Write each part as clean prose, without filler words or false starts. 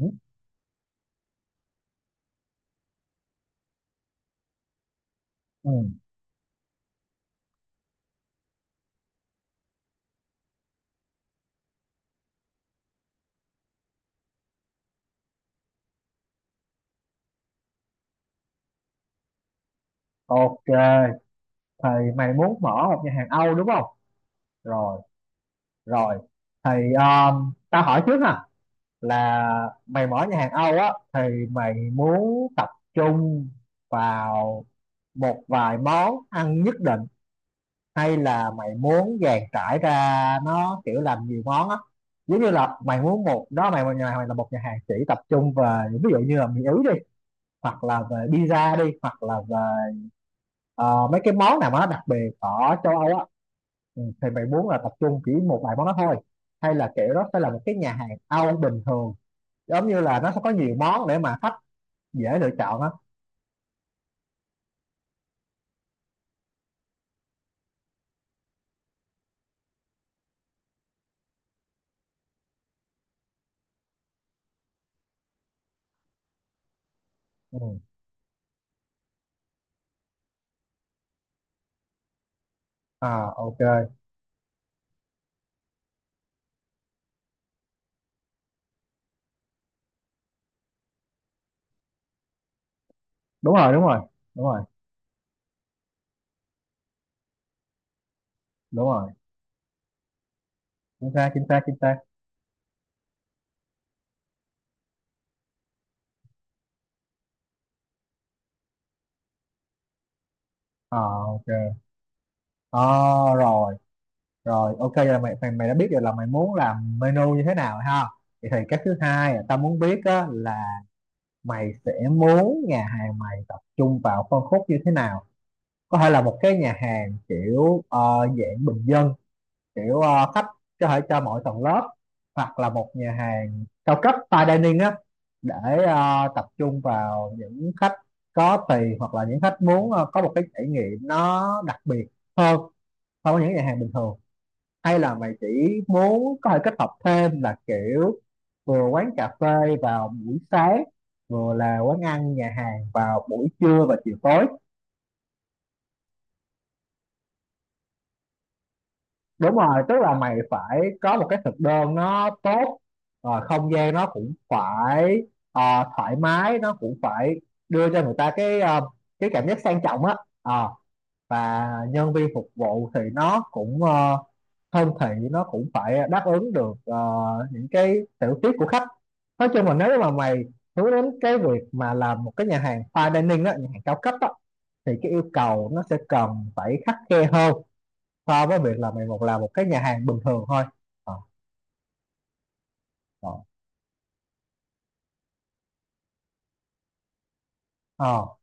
Ừ. Ok, thì mày muốn mở một nhà hàng Âu đúng không? Rồi, rồi. Thì tao hỏi trước ha, là mày mở nhà hàng Âu á thì mày muốn tập trung vào một vài món ăn nhất định hay là mày muốn dàn trải ra nó kiểu làm nhiều món á? Giống như là mày muốn một đó mày nhà mày là một nhà hàng chỉ tập trung về ví dụ như là mì Ý đi, hoặc là về pizza đi, hoặc là về... Ờ, mấy cái món nào mà nó đặc biệt ở châu Âu á, ừ, thì bạn muốn là tập trung chỉ một vài món đó thôi hay là kiểu đó sẽ là một cái nhà hàng Âu bình thường giống như là nó sẽ có nhiều món để mà khách dễ lựa chọn á. Ừ. À, ok. Đúng rồi, đúng rồi, đúng rồi, đúng rồi. Chính xác, chính xác, chính xác. À, ok. Ờ, rồi rồi, ok vậy là mày, mày mày đã biết rồi là mày muốn làm menu như thế nào rồi ha. Vậy thì cái thứ hai là tao muốn biết á, là mày sẽ muốn nhà hàng mày tập trung vào phân khúc như thế nào, có thể là một cái nhà hàng kiểu dạng bình dân, kiểu khách có thể cho mọi tầng lớp, hoặc là một nhà hàng cao cấp fine dining á để tập trung vào những khách có tiền hoặc là những khách muốn có một cái trải nghiệm nó đặc biệt hơn so với những nhà hàng bình thường, hay là mày chỉ muốn có thể kết hợp thêm là kiểu vừa quán cà phê vào buổi sáng, vừa là quán ăn nhà hàng vào buổi trưa và chiều tối. Đúng rồi, tức là mày phải có một cái thực đơn nó tốt, không gian nó cũng phải ờ, thoải mái, nó cũng phải đưa cho người ta cái cái cảm giác sang trọng á. Ờ, và nhân viên phục vụ thì nó cũng thân thiện, nó cũng phải đáp ứng được những cái tiểu tiết của khách. Nói chung là nếu mà mày hướng đến cái việc mà làm một cái nhà hàng fine dining đó, nhà hàng cao cấp á, thì cái yêu cầu nó sẽ cần phải khắt khe hơn so với việc là mày một làm một cái nhà hàng bình thường thôi. Ờ. Ờ. Ờ.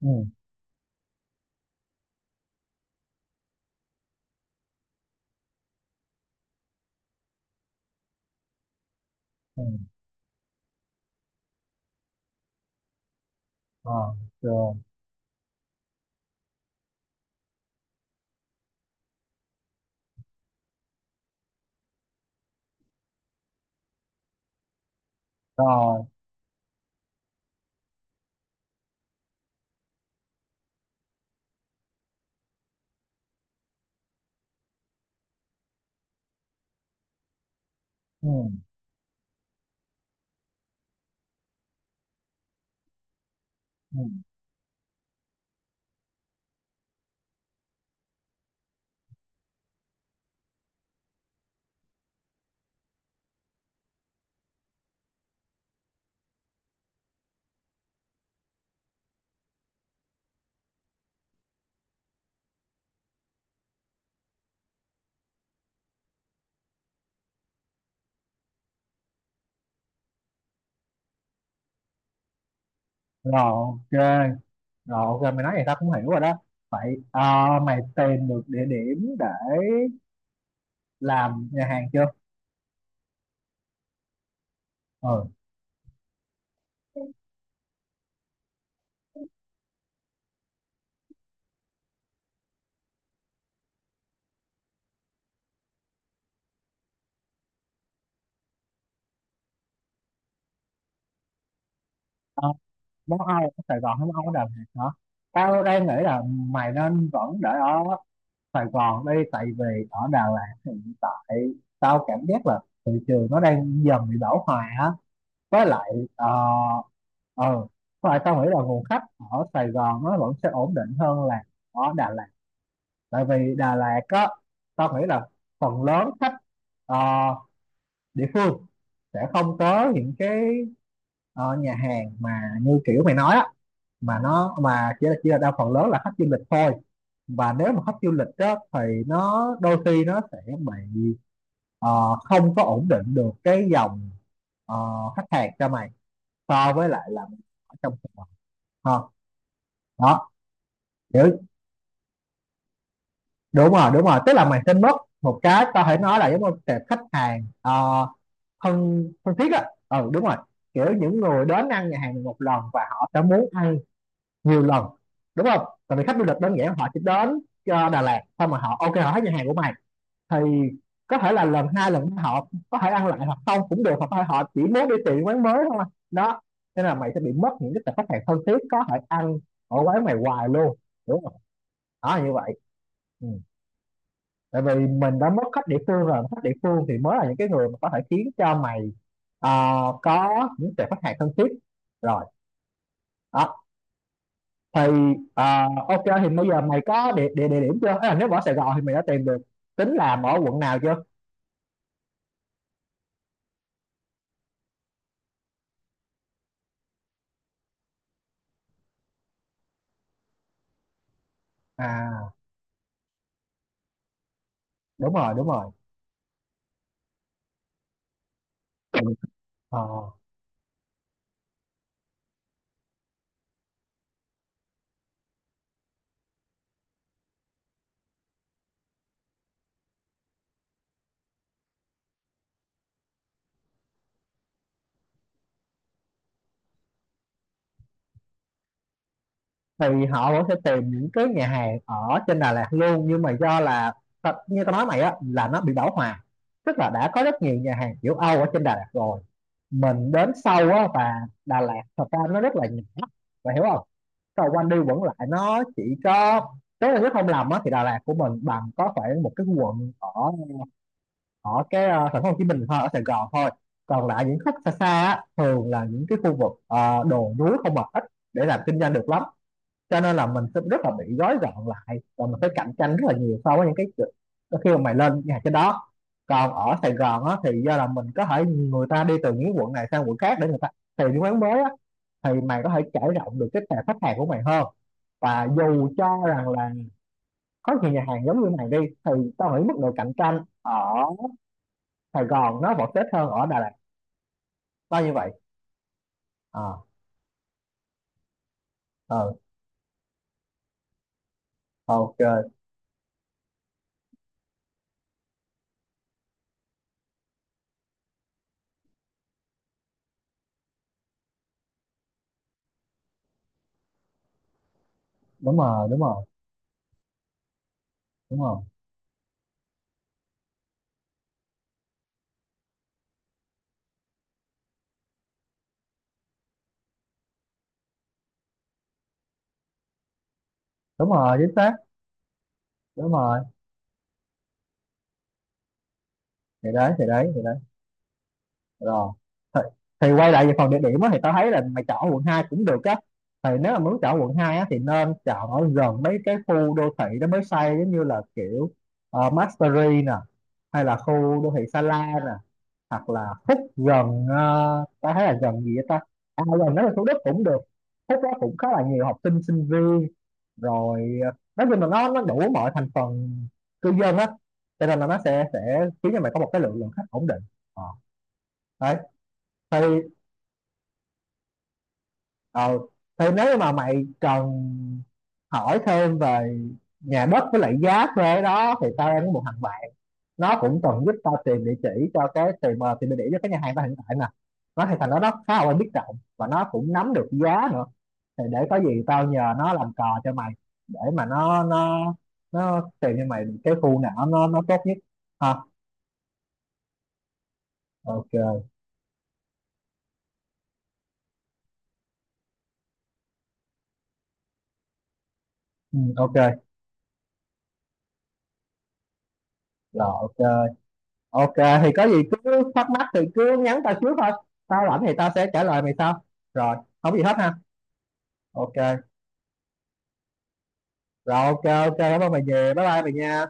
Ừ. Ừ. Ờ. Rồi, rồi. Ừ. Ừ. Rồi, ok. Rồi, ok, mày nói vậy tao cũng hiểu rồi đó. Vậy mày tìm được địa điểm để làm nhà hàng chưa? Ừ. ờ, món Âu ở Sài Gòn hay món Âu ở Đà Lạt hả? Tao đang nghĩ là mày nên vẫn để ở Sài Gòn đi, tại vì ở Đà Lạt hiện tại tao cảm giác là thị trường nó đang dần bị bão hòa á, với lại ờ ờ, với lại tao nghĩ là nguồn khách ở Sài Gòn nó vẫn sẽ ổn định hơn là ở Đà Lạt, tại vì Đà Lạt á, tao nghĩ là phần lớn khách ờ, địa phương sẽ không có những cái nhà hàng mà như kiểu mày nói á, mà nó mà chỉ là đa phần lớn là khách du lịch thôi, và nếu mà khách du lịch đó thì nó đôi khi nó sẽ bị không có ổn định được cái dòng ờ, khách hàng cho mày, so với lại là ở trong... Ờ, đó, hiểu. Đúng rồi, đúng rồi, tức là mình sẽ mất một cái có thể nói là giống như tệp khách hàng thân thân thiết á. Ừ, đúng rồi. Kiểu những người đến ăn nhà hàng mình một lần và họ sẽ muốn ăn nhiều lần. Đúng không? Tại vì khách du lịch đơn giản họ chỉ đến Đà Lạt xong mà họ ok, họ thấy nhà hàng của mày thì có thể là lần hai lần ba họ có thể ăn lại hoặc không cũng được, hoặc thôi họ chỉ muốn đi tìm quán mới thôi. Đó, nên là mày sẽ bị mất những cái tệp khách hàng thân thiết có thể ăn ở quán mày hoài luôn, đúng không? Đó là như vậy. Ừ. Tại vì mình đã mất khách địa phương rồi, khách địa phương thì mới là những cái người mà có thể khiến cho mày ờ, có những tệp khách hàng thân thiết, rồi đó. Thì ờ, ok thì bây giờ mày có địa điểm chưa? Tức là nếu mà ở Sài Gòn thì mày đã tìm được tính làm ở quận nào chưa? À, đúng rồi, đúng rồi. Ờ, thì họ vẫn sẽ tìm những cái nhà hàng ở trên Đà Lạt luôn, nhưng mà do là như tao nói mày á là nó bị bão hòa, tức là đã có rất nhiều nhà hàng kiểu Âu ở trên Đà Lạt rồi, mình đến sâu á. Và Đà Lạt thật ra nó rất là nhỏ, bạn hiểu không? Cầu quanh đi vẫn lại nó chỉ có, nếu là nếu không lầm á thì Đà Lạt của mình bằng có khoảng một cái quận ở ở cái thành phố Hồ Chí Minh thôi, ở Sài Gòn thôi. Còn lại những khúc xa xa á, thường là những cái khu vực đồi núi không, mà ít để làm kinh doanh được lắm, cho nên là mình sẽ rất là bị gói gọn lại và mình phải cạnh tranh rất là nhiều so với những cái chỗ, đôi khi mà mày lên nhà cái đó. Còn ở Sài Gòn á thì do là mình có thể người ta đi từ những quận này sang quận khác để người ta tìm những quán mới á, thì mày có thể trải rộng được cái tệp khách hàng của mày hơn, và dù cho rằng là có nhiều nhà hàng giống như này đi thì tao nghĩ mức độ cạnh tranh ở Sài Gòn nó vẫn tốt hơn ở Đà Lạt, tao như vậy. À. Ờ. Ok. Đúng rồi, đúng rồi, đúng rồi, đúng rồi. Chính xác, đúng rồi. Thì đấy, thì đấy, thì đấy. Rồi. thì, thì quay lại về phần địa điểm á, thì tao thấy là mày chọn quận 2 cũng được á. Thì nếu mà muốn chọn quận 2 á, thì nên chọn ở gần mấy cái khu đô thị đó mới xây, giống như là kiểu Mastery nè, hay là khu đô thị Sa La nè, hoặc là Phúc gần... tao thấy là gần gì vậy ta, à gần đó là Thủ Đức cũng được. Phúc đó cũng khá là nhiều học sinh sinh viên, rồi nói chung là nó đủ mọi thành phần cư dân á, cho nên là nó sẽ khiến cho mày có một cái lượng lượng khách ổn định. Ờ. Đấy. Thì ờ thì nếu mà mày cần hỏi thêm về nhà đất với lại giá thuê đó thì tao đang có một thằng bạn, nó cũng từng giúp tao tìm địa chỉ cho cái tìm tìm địa chỉ cho cái nhà hàng tao hiện tại nè. Nó thì thằng đó nó khá là quen biết rộng và nó cũng nắm được giá nữa. Thì để có gì tao nhờ nó làm cò cho mày, để mà nó nó tìm cho mày cái khu nào nó tốt nhất, ha. Ok. Ừ, ok. Rồi, ok, ok. Thì có gì cứ thắc mắc thì cứ nhắn tao trước thôi, tao rảnh thì tao sẽ trả lời mày sau. Rồi, không gì hết ha. Ok. Rồi, ok, ok, cảm ơn mày nhiều, bye bye mày nha.